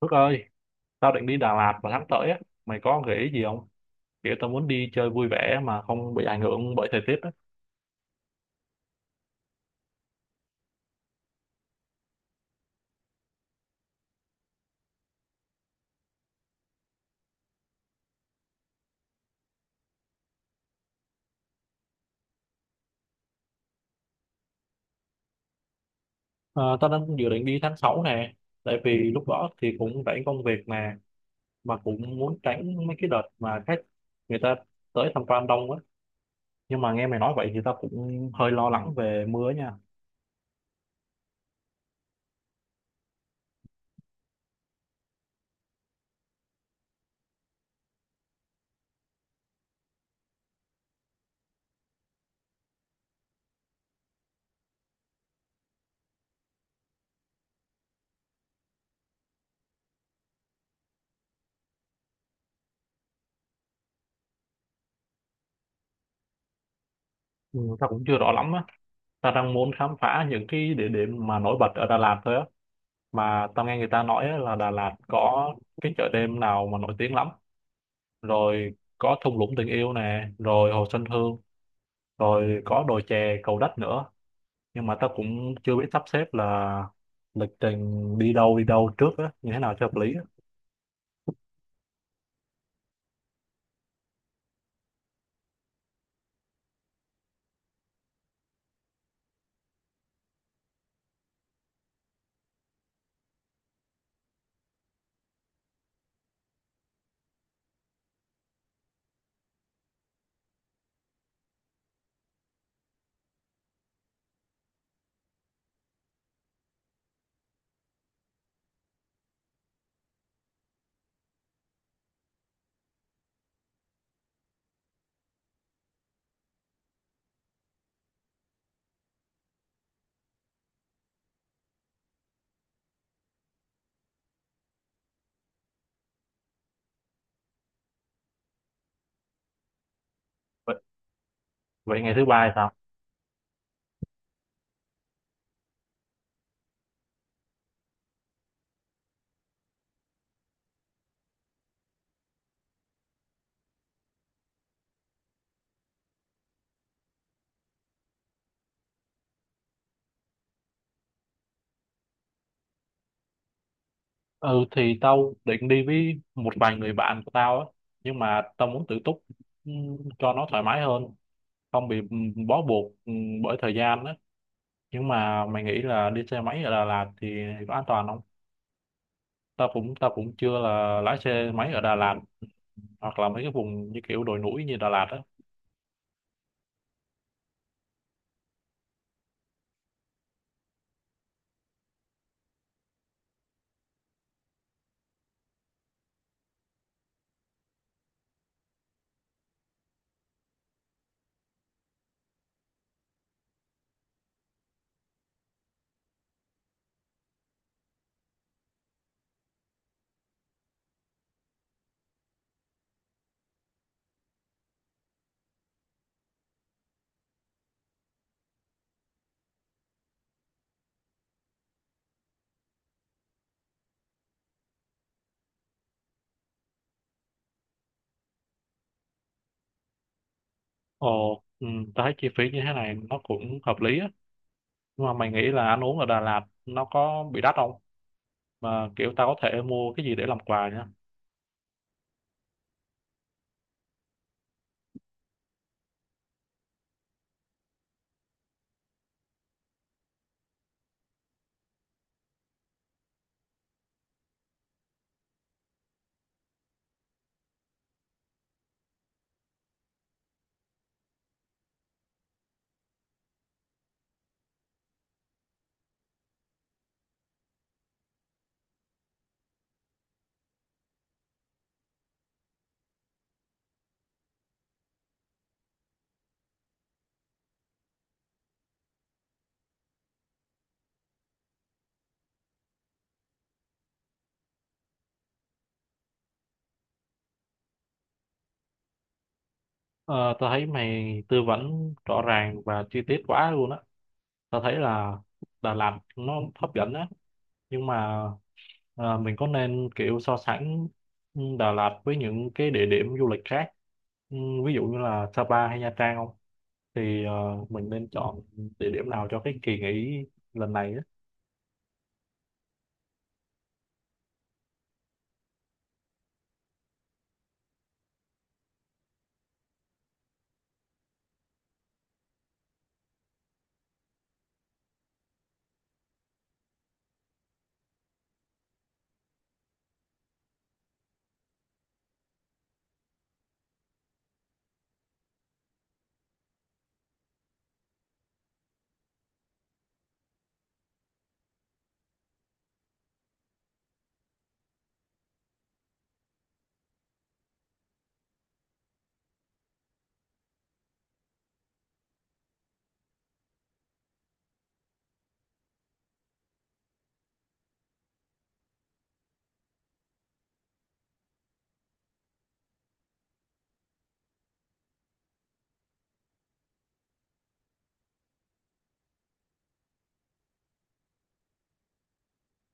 Phước ơi, tao định đi Đà Lạt vào tháng tới á, mày có gợi ý gì không? Kiểu tao muốn đi chơi vui vẻ mà không bị ảnh hưởng bởi thời tiết á. Ờ, Tao đang dự định đi tháng 6 nè, tại vì lúc đó thì cũng rảnh công việc nè, mà cũng muốn tránh mấy cái đợt mà khách người ta tới tham quan đông á. Nhưng mà nghe mày nói vậy thì tao cũng hơi lo lắng về mưa nha. Ừ, tao cũng chưa rõ lắm á. Tao đang muốn khám phá những cái địa điểm mà nổi bật ở Đà Lạt thôi á. Mà tao nghe người ta nói á là Đà Lạt có cái chợ đêm nào mà nổi tiếng lắm, rồi có thung lũng tình yêu nè, rồi hồ Xuân Hương, rồi có đồi chè Cầu Đất nữa, nhưng mà tao cũng chưa biết sắp xếp là lịch trình đi đâu trước á như thế nào cho hợp lý á. vậy, vậy ngày thứ ba thì sao? Ừ thì tao định đi với một vài người bạn của tao á, nhưng mà tao muốn tự túc, cho nó thoải mái hơn, không bị bó buộc bởi thời gian á. Nhưng mà mày nghĩ là đi xe máy ở Đà Lạt thì có an toàn không? Tao cũng chưa là lái xe máy ở Đà Lạt hoặc là mấy cái vùng như kiểu đồi núi như Đà Lạt á. Ồ ừ, tao thấy chi phí như thế này nó cũng hợp lý á, nhưng mà mày nghĩ là ăn uống ở Đà Lạt nó có bị đắt không? Mà kiểu tao có thể mua cái gì để làm quà nhá? Ờ, tao thấy mày tư vấn rõ ràng và chi tiết quá luôn á. Tao thấy là Đà Lạt nó hấp dẫn á, nhưng mà mình có nên kiểu so sánh Đà Lạt với những cái địa điểm du lịch khác, ừ, ví dụ như là Sapa hay Nha Trang không? Thì mình nên chọn địa điểm nào cho cái kỳ nghỉ lần này á?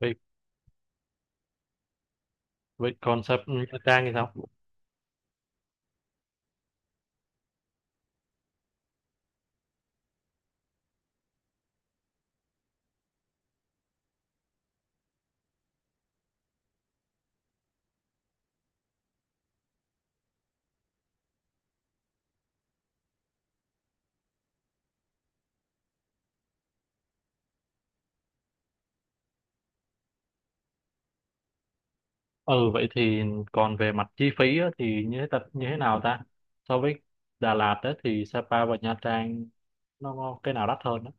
Vậy vậy còn sập Nha Trang thì sao? Ừ vậy thì còn về mặt chi phí á, thì như thế tập như thế nào ta? So với Đà Lạt á, thì Sapa và Nha Trang nó có cái nào đắt hơn á?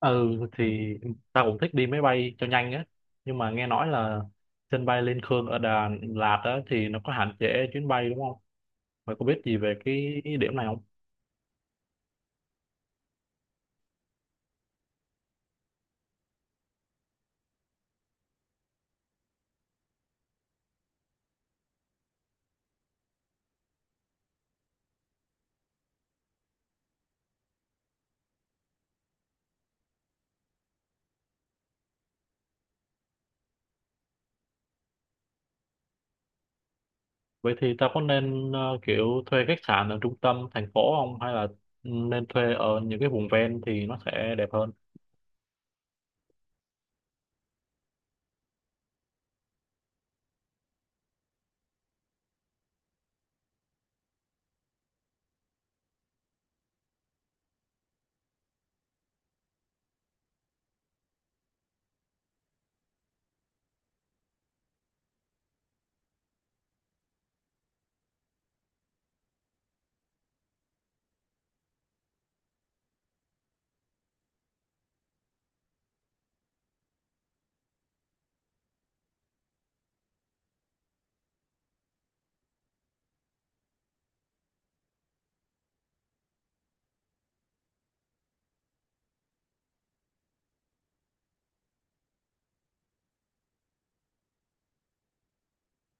Ừ thì ta cũng thích đi máy bay cho nhanh á, nhưng mà nghe nói là sân bay Liên Khương ở Đà Lạt á, thì nó có hạn chế chuyến bay đúng không? Mày có biết gì về cái điểm này không? Vậy thì tao có nên kiểu thuê khách sạn ở trung tâm thành phố không, hay là ừ, nên thuê ở những cái vùng ven thì nó sẽ đẹp hơn?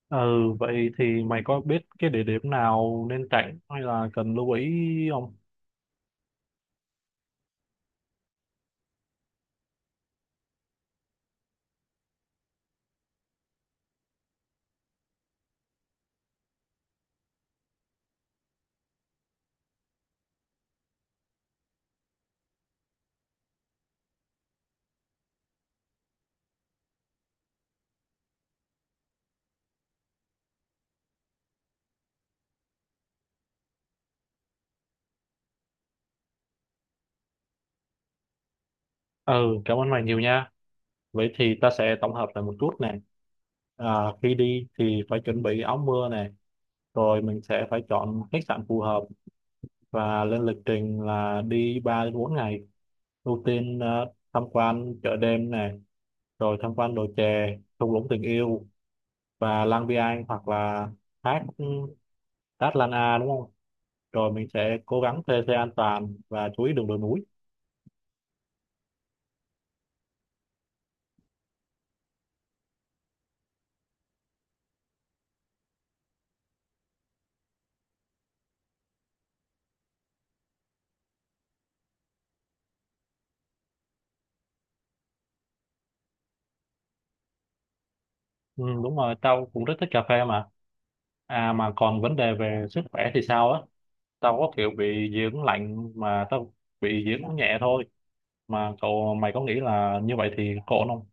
Ừ, vậy thì mày có biết cái địa điểm nào nên tránh hay là cần lưu ý không? Ừ, cảm ơn mày nhiều nha. Vậy thì ta sẽ tổng hợp lại một chút nè. À, khi đi thì phải chuẩn bị áo mưa nè, rồi mình sẽ phải chọn khách sạn phù hợp và lên lịch trình là đi 3 đến 4 ngày. Ưu tiên tham quan chợ đêm nè, rồi tham quan đồi chè, thung lũng tình yêu và Lang Biang, hoặc là thác Đát Lan A đúng không, rồi mình sẽ cố gắng thuê xe an toàn và chú ý đường đồi núi. Ừ, đúng rồi, tao cũng rất thích cà phê mà. À mà còn vấn đề về sức khỏe thì sao á? Tao có kiểu bị dị ứng lạnh mà tao bị dị ứng nhẹ thôi, mà cậu mày có nghĩ là như vậy thì ổn không?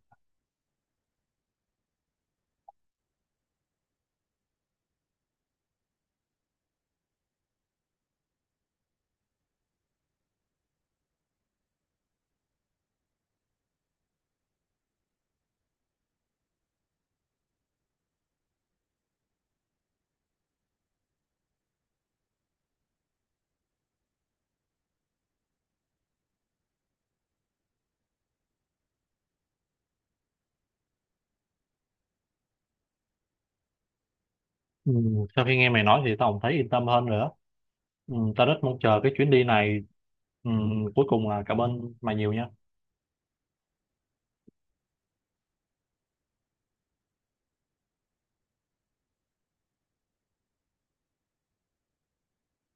Ừ, sau khi nghe mày nói thì tao cũng thấy yên tâm hơn nữa. Ừ, tao rất mong chờ cái chuyến đi này. Ừ, cuối cùng là cảm ơn mày nhiều nha.